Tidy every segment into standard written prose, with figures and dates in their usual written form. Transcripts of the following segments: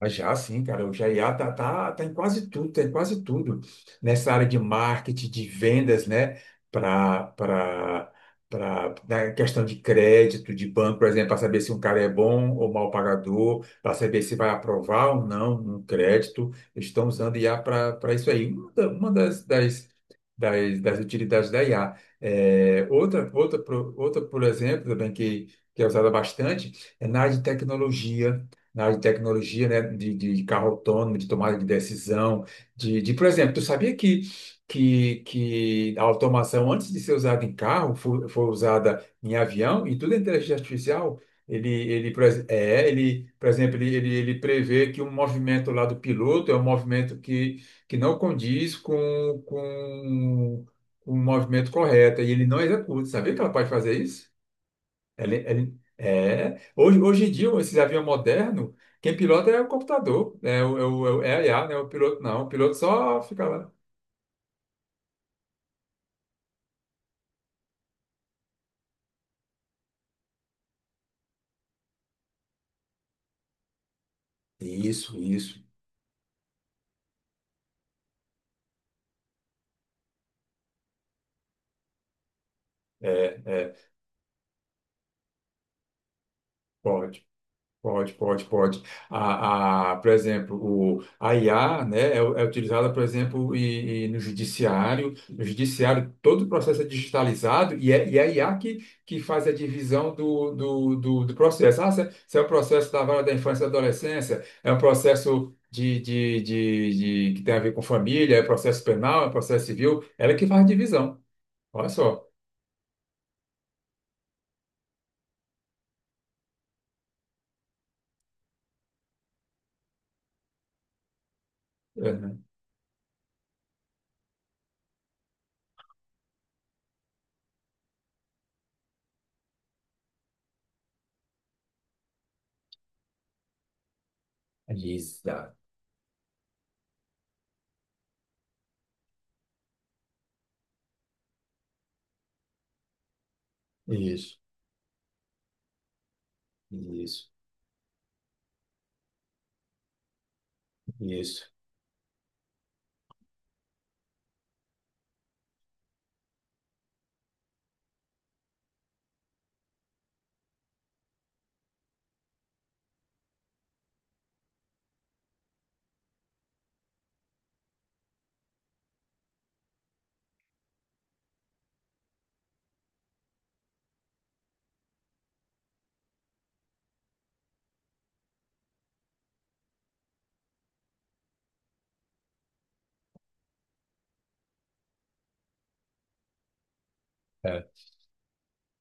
Mas já sim, cara, o GIA tá em quase tudo, tem quase tudo nessa área de marketing, de vendas, né? Para para para na questão de crédito, de banco, por exemplo, para saber se um cara é bom ou mau pagador, para saber se vai aprovar ou não um crédito, eles estão usando IA para isso aí. Uma das utilidades da IA. É, outra, por exemplo, também que é usada bastante, é na área de tecnologia na área de tecnologia, né, de carro autônomo, de tomada de decisão, por exemplo, tu sabia que a automação, antes de ser usada em carro, foi usada em avião e tudo é inteligência artificial? Ele, por ex- é, ele, por exemplo, ele prevê que um movimento lá do piloto é um movimento que não condiz com o movimento correto, e ele não executa. Sabia que ela pode fazer isso? Hoje em dia, esses aviões modernos, quem pilota é o computador, né? É a IA, né? O piloto não, o piloto só fica lá. Isso, isso. É, é. Bom, pode, pode, pode. A, por exemplo, o, a IA, né, é utilizada, por exemplo, e no judiciário. No judiciário, todo o processo é digitalizado e é a IA que faz a divisão do processo. Ah, se é o processo da vara da infância e adolescência, é um processo que tem a ver com família, é processo penal, é processo civil. Ela é que faz a divisão. Olha só. É, né? Exato. Isso, isso, isso.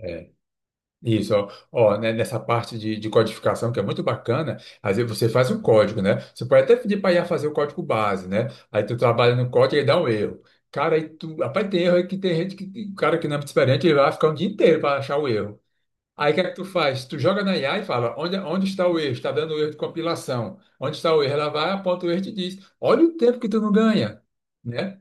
É. Isso, ó, né, nessa parte de codificação que é muito bacana, às vezes você faz um código, né? Você pode até pedir para I a fazer o código base, né? Aí tu trabalha no código e ele dá um erro. Cara, aí tu, rapaz, tem erro aí que tem gente que, cara que não é muito experiente, ele vai ficar um dia inteiro para achar o erro. Aí o que é que tu faz? Tu joga na IA e fala, onde está o erro? Está dando erro de compilação. Onde está o erro? Ela vai, aponta o erro e te diz, olha o tempo que tu não ganha, né?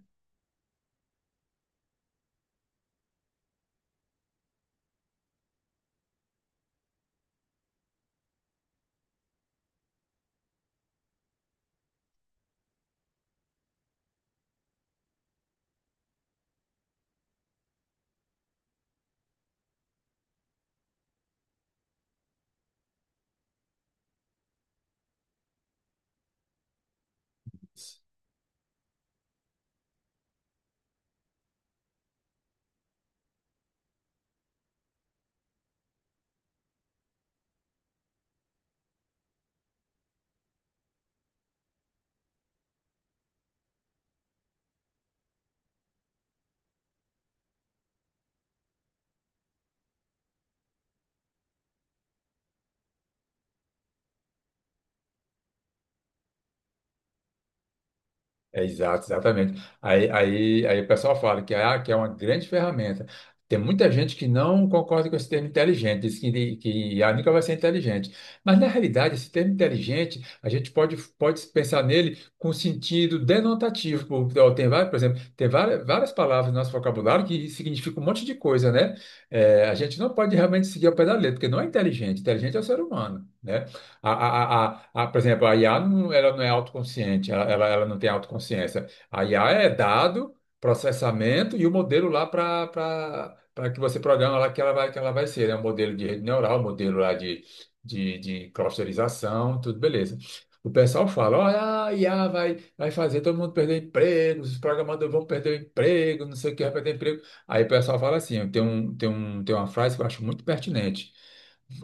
É, exato, exatamente. Aí o pessoal fala que é uma grande ferramenta. Tem muita gente que não concorda com esse termo inteligente, diz que I a nunca vai ser inteligente. Mas, na realidade, esse termo inteligente, a gente pode pensar nele com sentido denotativo. Por exemplo, tem várias, várias palavras no nosso vocabulário que significam um monte de coisa, né? É, a gente não pode realmente seguir ao pé da letra, porque não é inteligente. Inteligente é o ser humano, né? Por exemplo, a IA não, ela não é autoconsciente, ela não tem autoconsciência. A IA é dado, processamento e o modelo lá para que você programa lá que ela vai ser, né? Um modelo de rede neural, um modelo lá de clusterização, tudo beleza. O pessoal fala, olha, a IA vai fazer todo mundo perder emprego, os programadores vão perder o emprego, não sei o que vai perder emprego. Aí o pessoal fala assim, tem uma frase que eu acho muito pertinente.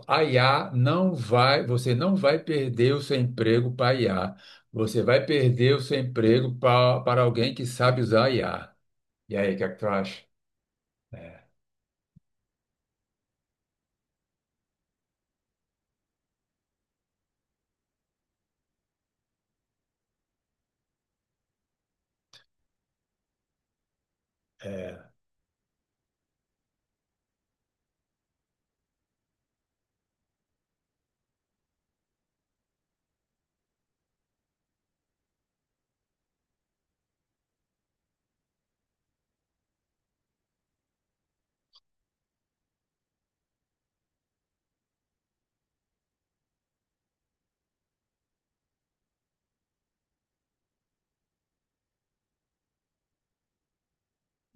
A IA não vai, você não vai perder o seu emprego para a IA. Você vai perder o seu emprego para alguém que sabe usar a IA. E aí, o que é que tu acha? É.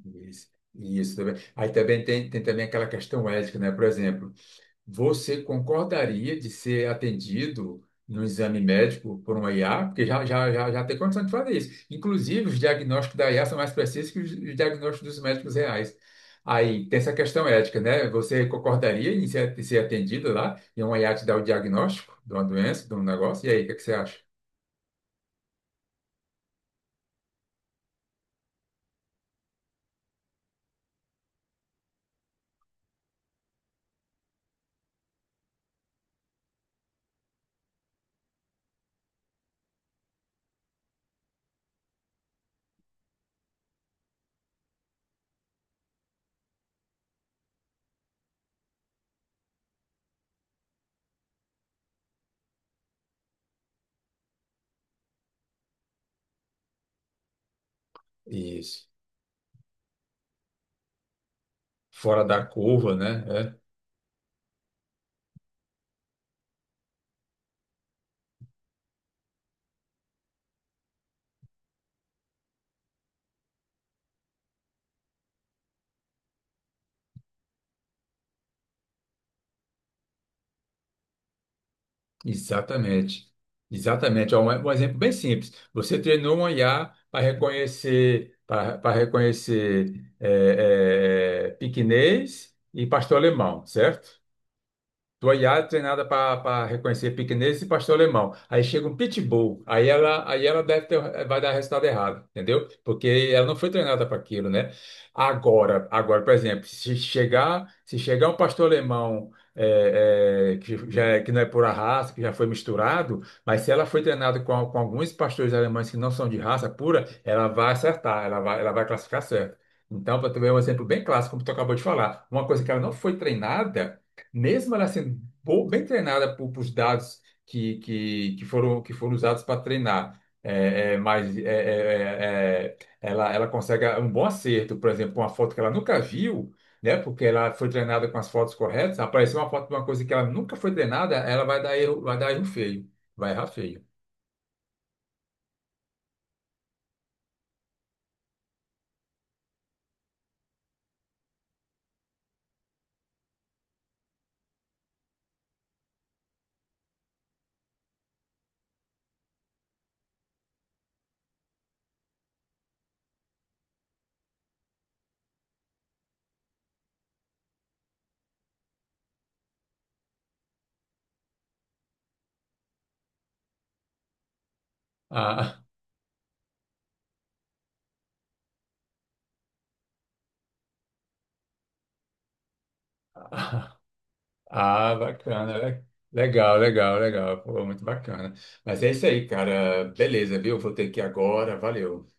Isso também. Aí também tem também aquela questão ética, né? Por exemplo, você concordaria de ser atendido no exame médico por uma IA? Porque já tem condição de fazer isso. Inclusive, os diagnósticos da IA são mais precisos que os diagnósticos dos médicos reais. Aí tem essa questão ética, né? Você concordaria em ser atendido lá e uma IA te dar o diagnóstico de uma doença, de um negócio? E aí, o que é que você acha? Isso. Fora da curva, né? Exatamente. Exatamente. Ó, um exemplo bem simples. Você treinou um IA para reconhecer piquinês e pastor alemão, certo? Tua Yara treinada para reconhecer pequenês e pastor alemão. Aí chega um pitbull. Aí ela deve ter, vai dar resultado errado, entendeu? Porque ela não foi treinada para aquilo, né? Agora, por exemplo, se chegar um pastor alemão que não é pura raça, que já foi misturado, mas se ela foi treinada com alguns pastores alemães que não são de raça pura, ela vai acertar, ela vai classificar certo. Então, para tu ver um exemplo bem clássico, como tu acabou de falar, uma coisa que ela não foi treinada mesmo ela sendo bem treinada por dados que foram usados para treinar, mas ela consegue um bom acerto, por exemplo, uma foto que ela nunca viu, né? Porque ela foi treinada com as fotos corretas. Apareceu uma foto de uma coisa que ela nunca foi treinada, ela vai dar erro feio, vai errar feio. Ah, ah, bacana, legal, legal, legal, pô, muito bacana. Mas é isso aí, cara. Beleza, viu? Vou ter que ir agora. Valeu.